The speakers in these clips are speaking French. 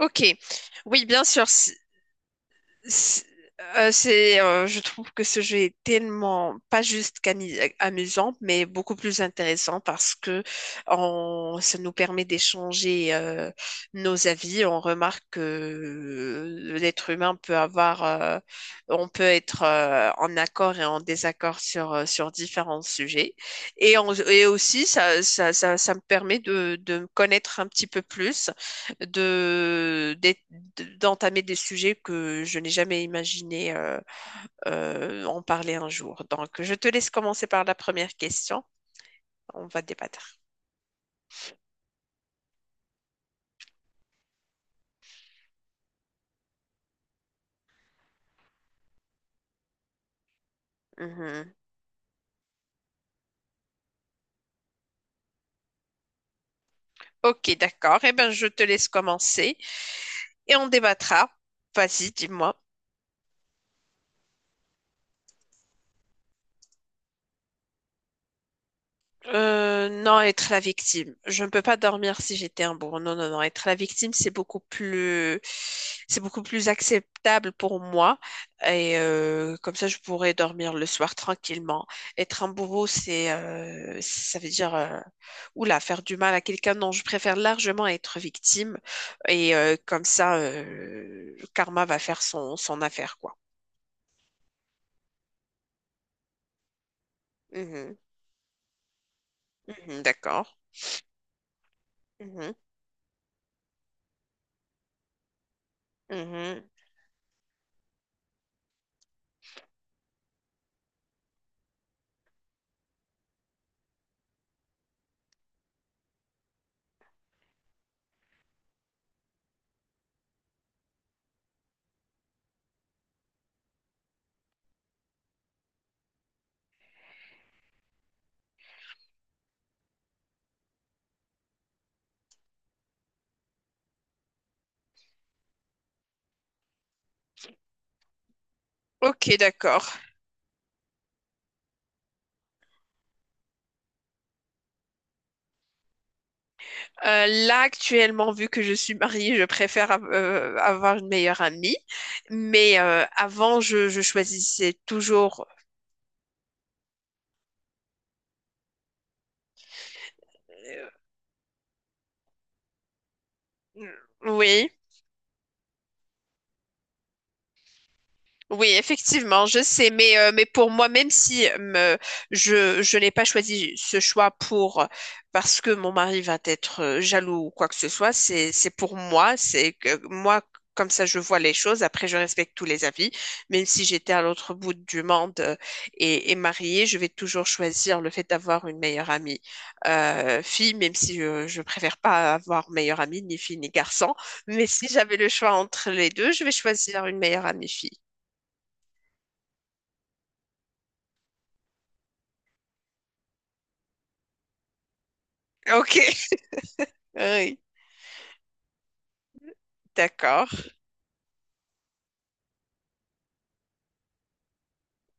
Ok, oui, bien sûr. C- C'est, je trouve que ce jeu est tellement pas juste amusant, mais beaucoup plus intéressant parce que ça nous permet d'échanger nos avis. On remarque que l'être humain peut avoir, on peut être en accord et en désaccord sur différents sujets. Et aussi, ça me permet de me connaître un petit peu plus de, d'être- d'entamer des sujets que je n'ai jamais imaginé en parler un jour. Donc, je te laisse commencer par la première question. On va débattre. Mhm. Ok, d'accord. Eh bien, je te laisse commencer et on débattra. Vas-y, dis-moi. Non, être la victime. Je ne peux pas dormir si j'étais un bourreau. Non, non, non. Être la victime, c'est beaucoup plus acceptable pour moi. Et comme ça, je pourrais dormir le soir tranquillement. Être un bourreau, ça veut dire, oula, faire du mal à quelqu'un. Non, je préfère largement être victime. Et comme ça, le karma va faire son affaire, quoi. Mhm, mhm, d'accord. Mhm, mhm. Ok, d'accord. Là, actuellement, vu que je suis mariée, je préfère avoir une meilleure amie. Mais avant, je choisissais toujours. euh, oui. Oui, effectivement, je sais, mais pour moi, même si je n'ai pas choisi ce choix pour parce que mon mari va être jaloux ou quoi que ce soit, c'est pour moi, c'est que moi, comme ça, je vois les choses. Après, je respecte tous les avis. Même si j'étais à l'autre bout du monde et mariée, je vais toujours choisir le fait d'avoir une meilleure amie fille, même si je préfère pas avoir meilleure amie ni fille ni garçon. Mais si j'avais le choix entre les deux, je vais choisir une meilleure amie fille. Ok, oui, d'accord.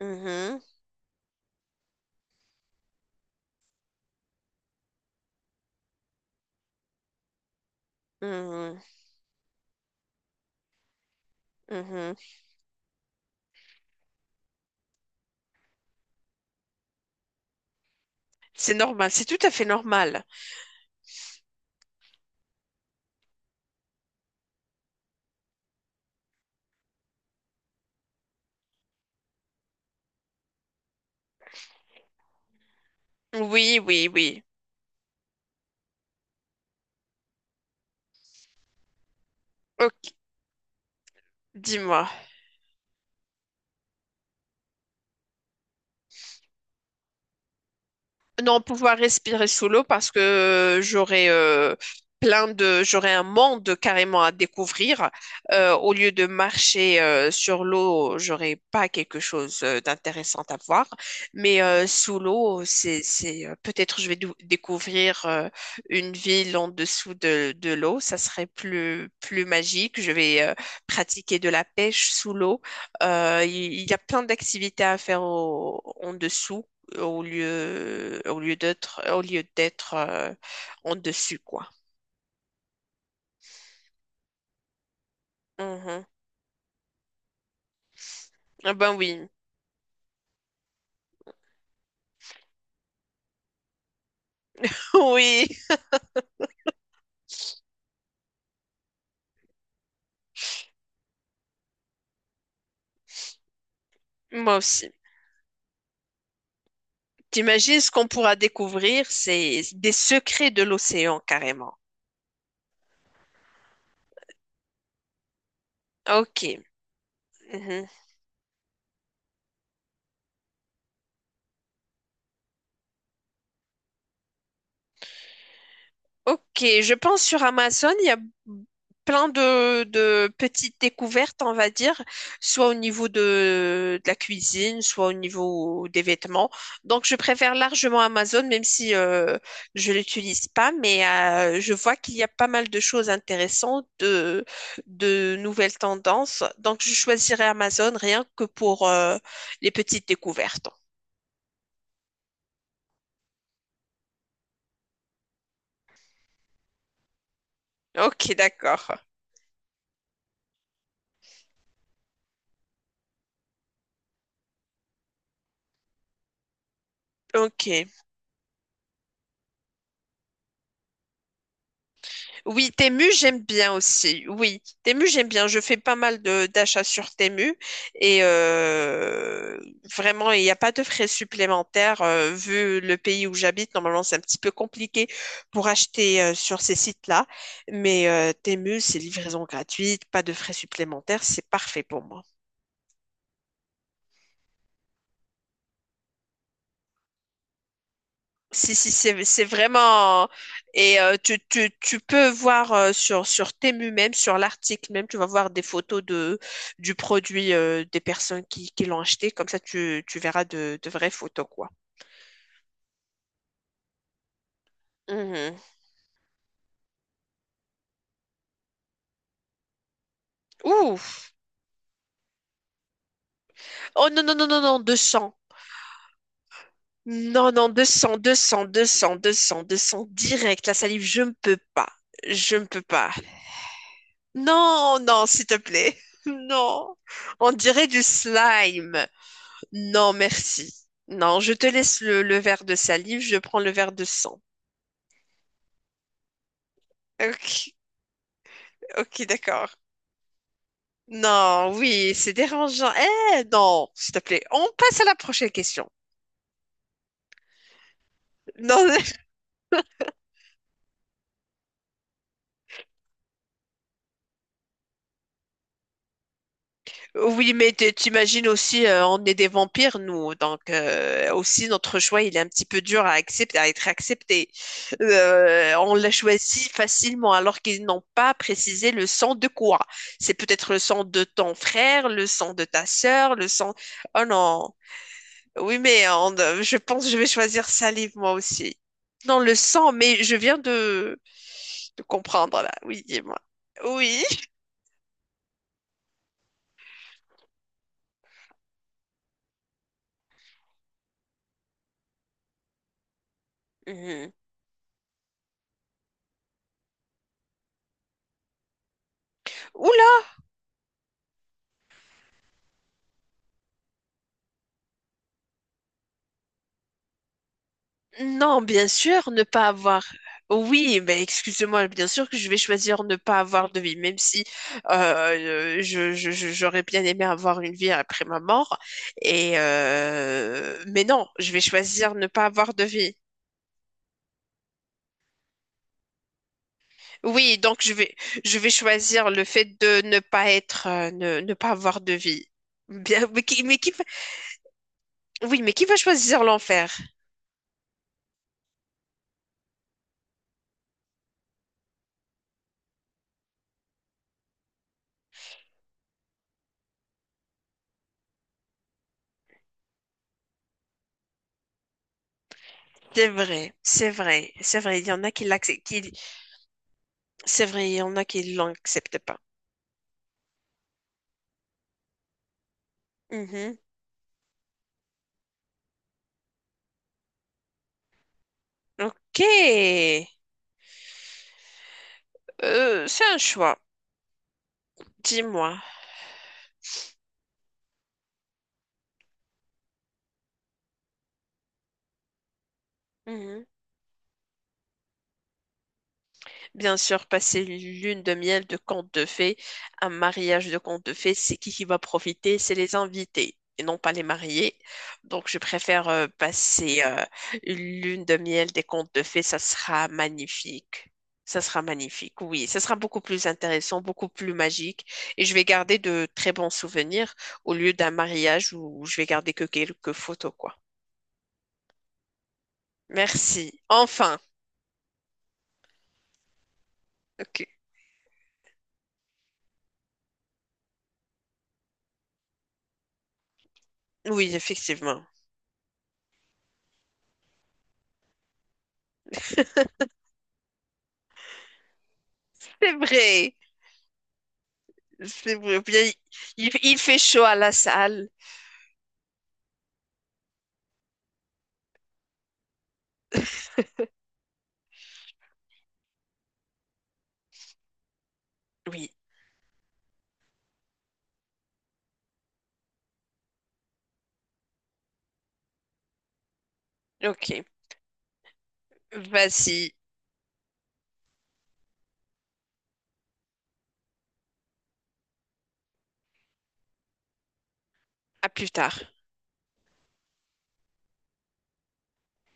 Mhm, mhm, mhm. C'est normal, c'est tout à fait normal. Oui, oui, oui. Ok, dis-moi. Non, pouvoir respirer sous l'eau parce que j'aurais un monde carrément à découvrir. Au lieu de marcher sur l'eau, j'aurais pas quelque chose d'intéressant à voir. Mais sous l'eau, c'est peut-être je vais découvrir une ville en dessous de l'eau. Ça serait plus magique. Je vais pratiquer de la pêche sous l'eau. Il y, a plein d'activités à faire en dessous au lieu d'être en dessus, quoi. Mhm. Ah ben oui, oui, moi aussi. T'imagines ce qu'on pourra découvrir, c'est des secrets de l'océan carrément. Ok. Mhm. Ok, je pense sur Amazon, il y a plein de petites découvertes, on va dire, soit au niveau de la cuisine, soit au niveau des vêtements. Donc, je préfère largement Amazon, même si je l'utilise pas, mais je vois qu'il y a pas mal de choses intéressantes, de nouvelles tendances. Donc, je choisirais Amazon rien que pour les petites découvertes. Ok, d'accord. Ok. Oui, Temu, j'aime bien aussi. Oui, Temu, j'aime bien. Je fais pas mal de d'achats sur Temu et vraiment, il n'y a pas de frais supplémentaires. Vu le pays où j'habite, normalement, c'est un petit peu compliqué pour acheter sur ces sites-là. Mais Temu, c'est livraison gratuite, pas de frais supplémentaires. C'est parfait pour moi. Si, si, c'est vraiment. Et tu peux voir sur Temu même, sur l'article même, tu vas voir des photos du produit des personnes qui l'ont acheté. Comme ça, tu verras de vraies photos, quoi. Mhm. Ouh. Oh non, non, non, non, non, 200. Non, non, deux cents deux cents deux cents direct. La salive, je ne peux pas. Je ne peux pas. Non, non, s'il te plaît. Non. On dirait du slime. Non, merci. Non, je te laisse le verre de salive, je prends le verre de sang. Ok, ok, d'accord. Non, oui, c'est dérangeant. Eh, non, s'il te plaît, on passe à la prochaine question. Non. Oui, mais t'imagines aussi, on est des vampires, nous. Donc, aussi, notre choix, il est un petit peu dur à accepter, à être accepté. On l'a choisi facilement, alors qu'ils n'ont pas précisé le sang de quoi. C'est peut-être le sang de ton frère, le sang de ta sœur, le sang... Oh non. Oui, mais je pense que je vais choisir salive, moi aussi. Non, le sang, mais je viens de comprendre, là. Oui, dis-moi. Oui. Mhm. Ouh. Non, bien sûr, ne pas avoir. Oui, mais excusez-moi, bien sûr que je vais choisir ne pas avoir de vie, même si j'aurais bien aimé avoir une vie après ma mort. Et mais non, je vais choisir ne pas avoir de vie. Oui, donc je vais choisir le fait de ne pas être, ne, ne pas avoir de vie. Bien, oui, mais qui va choisir l'enfer? C'est vrai, c'est vrai, c'est vrai. Il y en a qui l'acceptent, c'est vrai, il y en a qui l'acceptent pas. Mhm. Ok. C'est un choix. Dis-moi. Mhm. Bien sûr, passer une lune de miel de conte de fées, un mariage de conte de fées, c'est qui va profiter? C'est les invités et non pas les mariés. Donc, je préfère passer une lune de miel des contes de fées. Ça sera magnifique. Ça sera magnifique, oui. Ça sera beaucoup plus intéressant, beaucoup plus magique. Et je vais garder de très bons souvenirs au lieu d'un mariage où je vais garder que quelques photos, quoi. Merci. Enfin. OK. Oui, effectivement. C'est vrai. C'est vrai. Bien, il fait chaud à la salle. Oui. OK. Vas-y. À plus tard.